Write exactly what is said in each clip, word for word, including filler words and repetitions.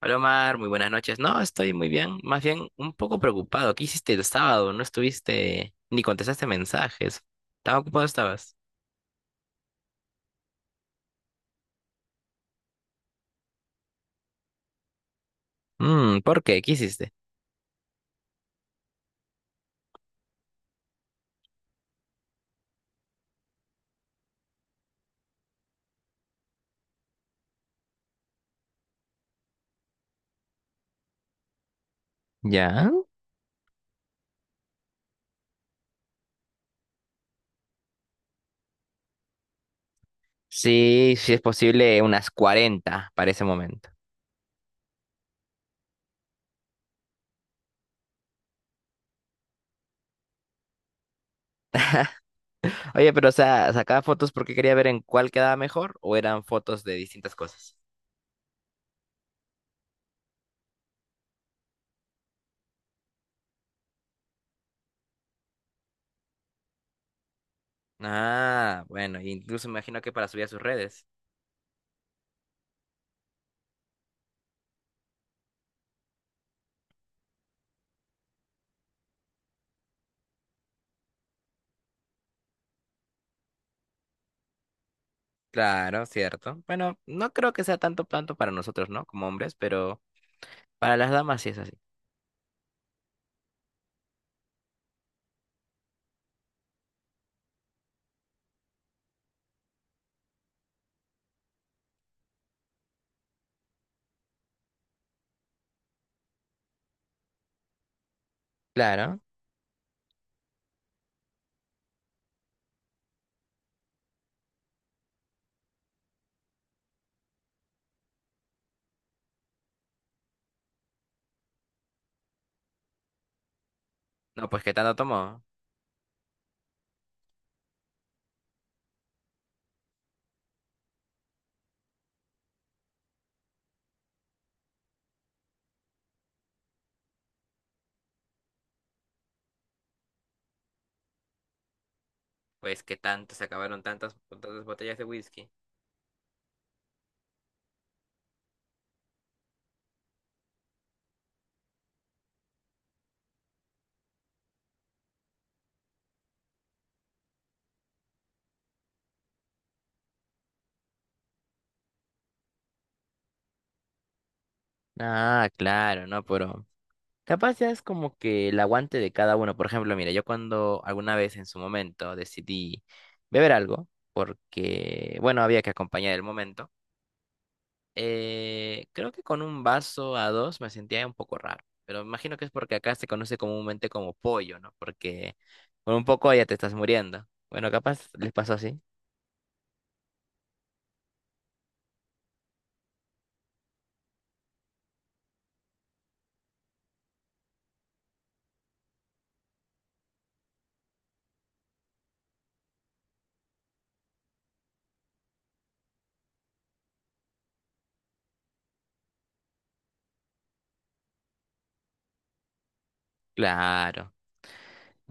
Hola Omar, muy buenas noches. No, estoy muy bien, más bien un poco preocupado. ¿Qué hiciste el sábado? No estuviste ni contestaste mensajes. ¿Tan ocupado estabas? Mm, ¿por qué? ¿Qué hiciste? ¿Ya? Sí, sí es posible unas cuarenta para ese momento. Oye, pero o sea, ¿sacaba fotos porque quería ver en cuál quedaba mejor o eran fotos de distintas cosas? Ah, bueno, incluso me imagino que para subir a sus redes. Claro, cierto. Bueno, no creo que sea tanto tanto para nosotros, ¿no? Como hombres, pero para las damas sí es así. Claro. No, pues ¿qué tanto tomó? Pues que tanto se acabaron tantas, tantas botellas de whisky. Ah, claro, no, pero capaz ya es como que el aguante de cada uno. Por ejemplo, mira, yo cuando alguna vez en su momento decidí beber algo, porque, bueno, había que acompañar el momento. Eh, creo que con un vaso a dos me sentía un poco raro, pero imagino que es porque acá se conoce comúnmente como pollo, ¿no? Porque con un poco ya te estás muriendo. Bueno, capaz les pasó así. Claro.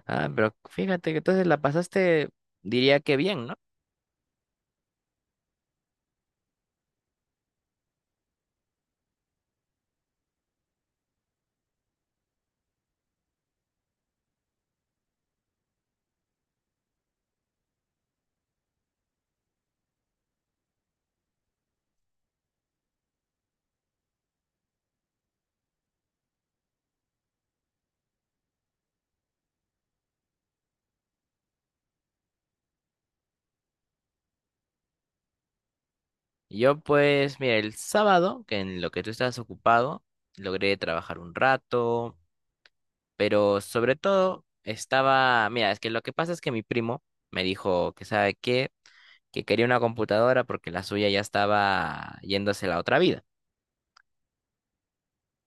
Ah, pero fíjate que entonces la pasaste, diría que bien, ¿no? Yo pues, mira, el sábado, que en lo que tú estabas ocupado, logré trabajar un rato, pero sobre todo estaba, mira, es que lo que pasa es que mi primo me dijo que sabe qué, que quería una computadora porque la suya ya estaba yéndose a la otra vida.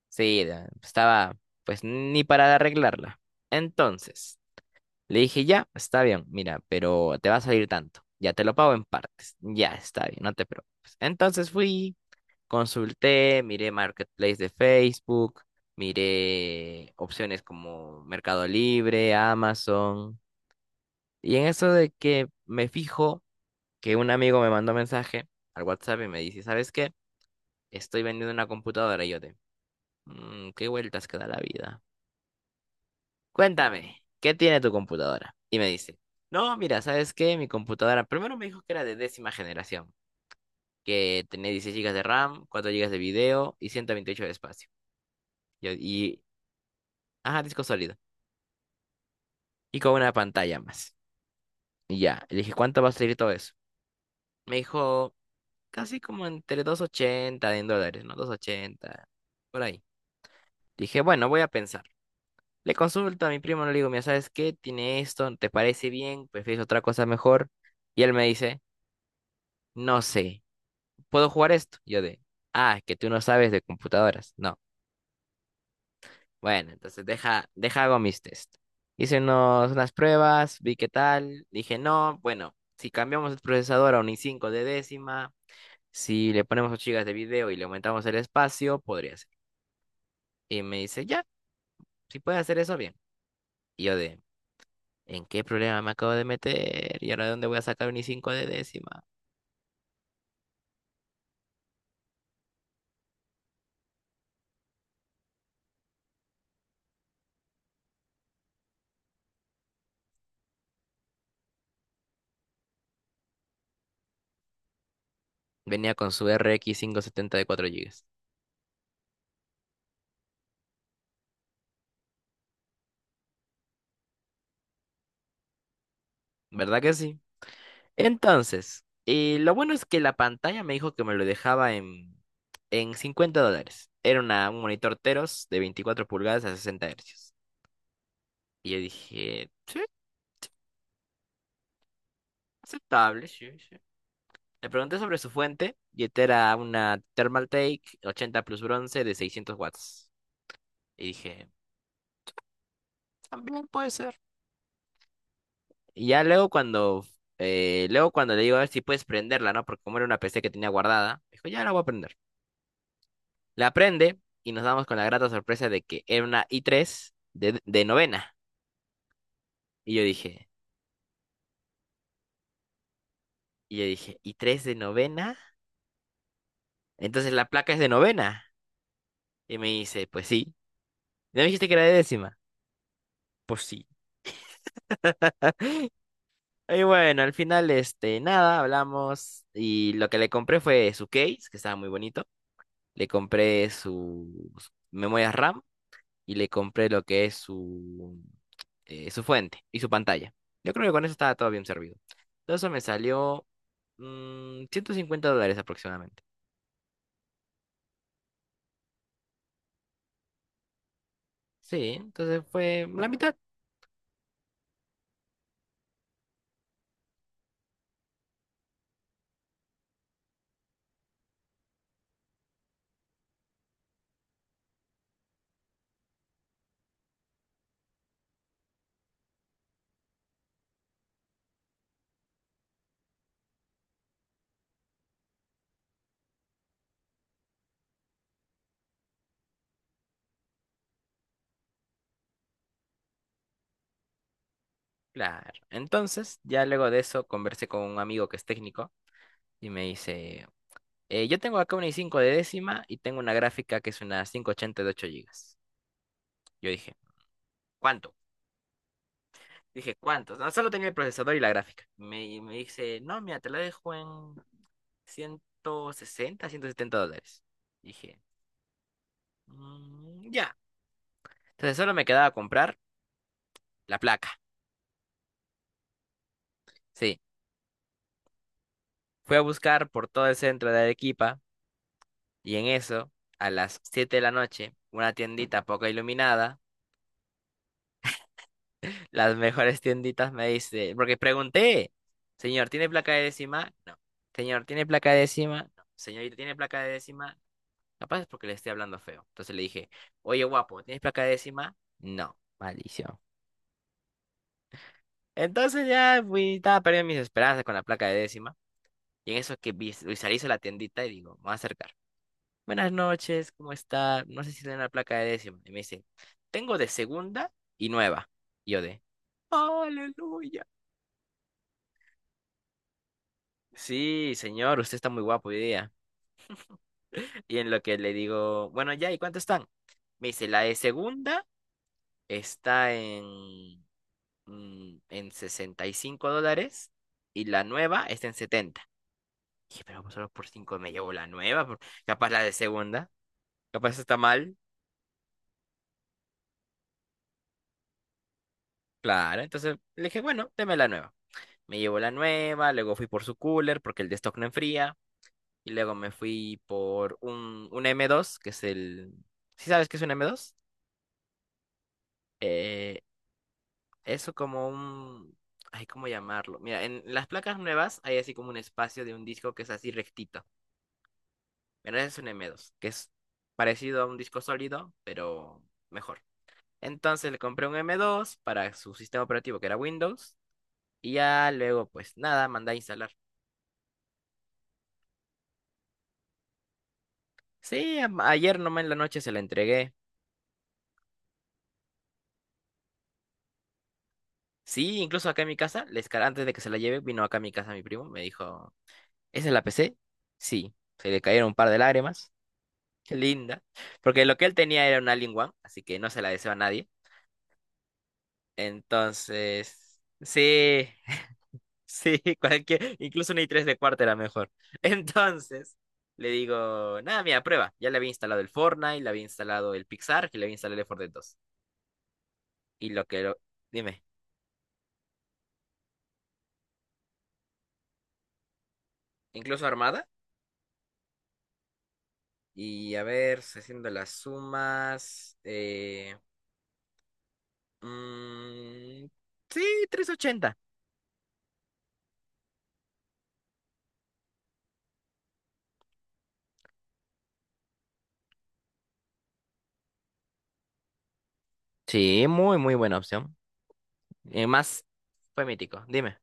Sí, de- estaba pues ni para arreglarla. Entonces. Le dije, ya, está bien, mira, pero te va a salir tanto. Ya te lo pago en partes. Ya, está bien, no te preocupes. Entonces fui, consulté, miré Marketplace de Facebook, miré opciones como Mercado Libre, Amazon. Y en eso de que me fijo que un amigo me mandó mensaje al WhatsApp y me dice, ¿sabes qué? Estoy vendiendo una computadora. Y yo de, "Mm, ¿qué vueltas que da la vida? Cuéntame, ¿qué tiene tu computadora?" Y me dice, no, mira, ¿sabes qué? Mi computadora, primero me dijo que era de décima generación, que tenía 16 gigas de RAM, 4 gigas de video y ciento veintiocho de espacio. Y, y- ajá, disco sólido. Y con una pantalla más. Y ya, le dije, ¿cuánto va a salir todo eso? Me dijo, casi como entre doscientos ochenta en dólares, ¿no? doscientos ochenta, por ahí. Dije, bueno, voy a pensar. Le consulto a mi primo, le digo, mira, ¿sabes qué? Tiene esto, ¿te parece bien? ¿Prefieres otra cosa mejor? Y él me dice, no sé. ¿Puedo jugar esto? Yo de, ah, que tú no sabes de computadoras. No. Bueno, entonces deja, deja hago mis test. Hice unos- unas pruebas, vi qué tal, dije, no, bueno, si cambiamos el procesador a un i cinco de décima, si le ponemos ocho gigas de video y le aumentamos el espacio, podría ser. Y me dice, ya, si puedes hacer eso, bien. Y yo de, ¿en qué problema me acabo de meter? ¿Y ahora de dónde voy a sacar un i cinco de décima? Venía con su R X quinientos setenta de cuatro gigas. ¿Verdad que sí? Entonces, eh, lo bueno es que la pantalla me dijo que me lo dejaba en, en cincuenta dólares. Era una, un monitor Teros de veinticuatro pulgadas a sesenta hercios. Y yo dije, sí, aceptable, sí, sí. Le pregunté sobre su fuente y esta era una Thermaltake ochenta plus bronce de seiscientos watts. Y dije, también puede ser. Y ya luego cuando, eh, luego cuando le digo a ver si puedes prenderla, ¿no? Porque como era una P C que tenía guardada, dijo, ya la voy a prender. La prende y nos damos con la grata sorpresa de que era una I tres de, de novena. Y yo dije, y yo dije, ¿I tres de novena? Entonces la placa es de novena. Y me dice, pues sí. ¿No me dijiste que era de décima? Pues sí. Y bueno, al final, este, nada, hablamos. Y lo que le compré fue su case, que estaba muy bonito. Le compré sus memorias RAM y le compré lo que es su, eh, su fuente y su pantalla. Yo creo que con eso estaba todo bien servido. Todo eso me salió mm, ciento cincuenta dólares aproximadamente. Sí, entonces fue la mitad. Claro. Entonces, ya luego de eso conversé con un amigo que es técnico y me dice, "Eh, yo tengo acá una i cinco de décima y tengo una gráfica que es una cinco ochenta de ocho gigas." Yo dije, ¿cuánto? Dije, ¿cuántos? No, solo tenía el procesador y la gráfica. Me, y me dice, no, mira, te la dejo en ciento sesenta, ciento setenta dólares. Dije, "Mm, ya." Entonces solo me quedaba comprar la placa. Sí. Fui a buscar por todo el centro de Arequipa y en eso, a las siete de la noche, una tiendita poco iluminada, las mejores tienditas me dice, porque pregunté, señor, ¿tiene placa de décima? No. Señor, ¿tiene placa de décima? No. Señorita, ¿tiene placa de décima? Capaz es porque le estoy hablando feo. Entonces le dije, oye, guapo, ¿tienes placa de décima? No, maldición. Entonces ya fui, estaba perdiendo mis esperanzas con la placa de décima. Y en eso que vi- visualizo la tiendita y digo, me voy a acercar. Buenas noches, ¿cómo está? No sé si tiene la placa de décima. Y me dice, tengo de segunda y nueva. Y yo de, aleluya. Sí, señor, usted está muy guapo hoy día. Y en lo que le digo, bueno, ya, ¿y cuánto están? Me dice, la de segunda está en, mm, en sesenta y cinco dólares, y la nueva está en setenta. Dije, pero pues solo por cinco me llevo la nueva, por- capaz la de segunda, capaz está mal. Claro, entonces le dije, bueno, deme la nueva. Me llevo la nueva, luego fui por su cooler porque el de stock no enfría. Y luego me fui por un, un m dos que es el. ¿Sí sabes qué es un m dos? Eh, eso como un. Ay, ¿cómo llamarlo? Mira, en las placas nuevas hay así como un espacio de un disco que es así rectito. Pero ese es un m dos que es parecido a un disco sólido, pero mejor. Entonces le compré un m dos para su sistema operativo, que era Windows, y ya luego, pues nada, mandé a instalar. Sí, am- ayer nomás en la noche se la entregué. Sí, incluso acá en mi casa, les car- antes de que se la lleve, vino acá a mi casa mi primo, me dijo, ¿esa es la P C? Sí, se le cayeron un par de lágrimas. Qué linda. Porque lo que él tenía era un Alien One, así que no se la deseo a nadie. Entonces, sí. Sí, cualquier, incluso una i tres de cuarta era mejor. Entonces, le digo, nada, mira, prueba. Ya le había instalado el Fortnite, le había instalado el Pixar y le había instalado el Fortnite dos. Y lo que lo, dime, incluso armada. Y a ver, haciendo las sumas. Eh, mm, sí, trescientos ochenta. Sí, muy, muy buena opción. Y más, fue mítico. Dime.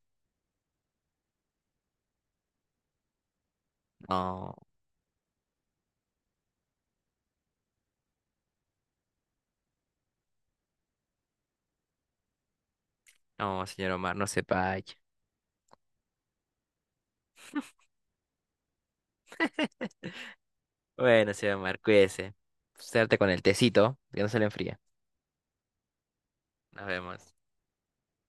No, no, señor Omar, no se vaya. Bueno, señor Omar, cuídese. Suerte con el tecito, que no se le enfríe. Nos vemos.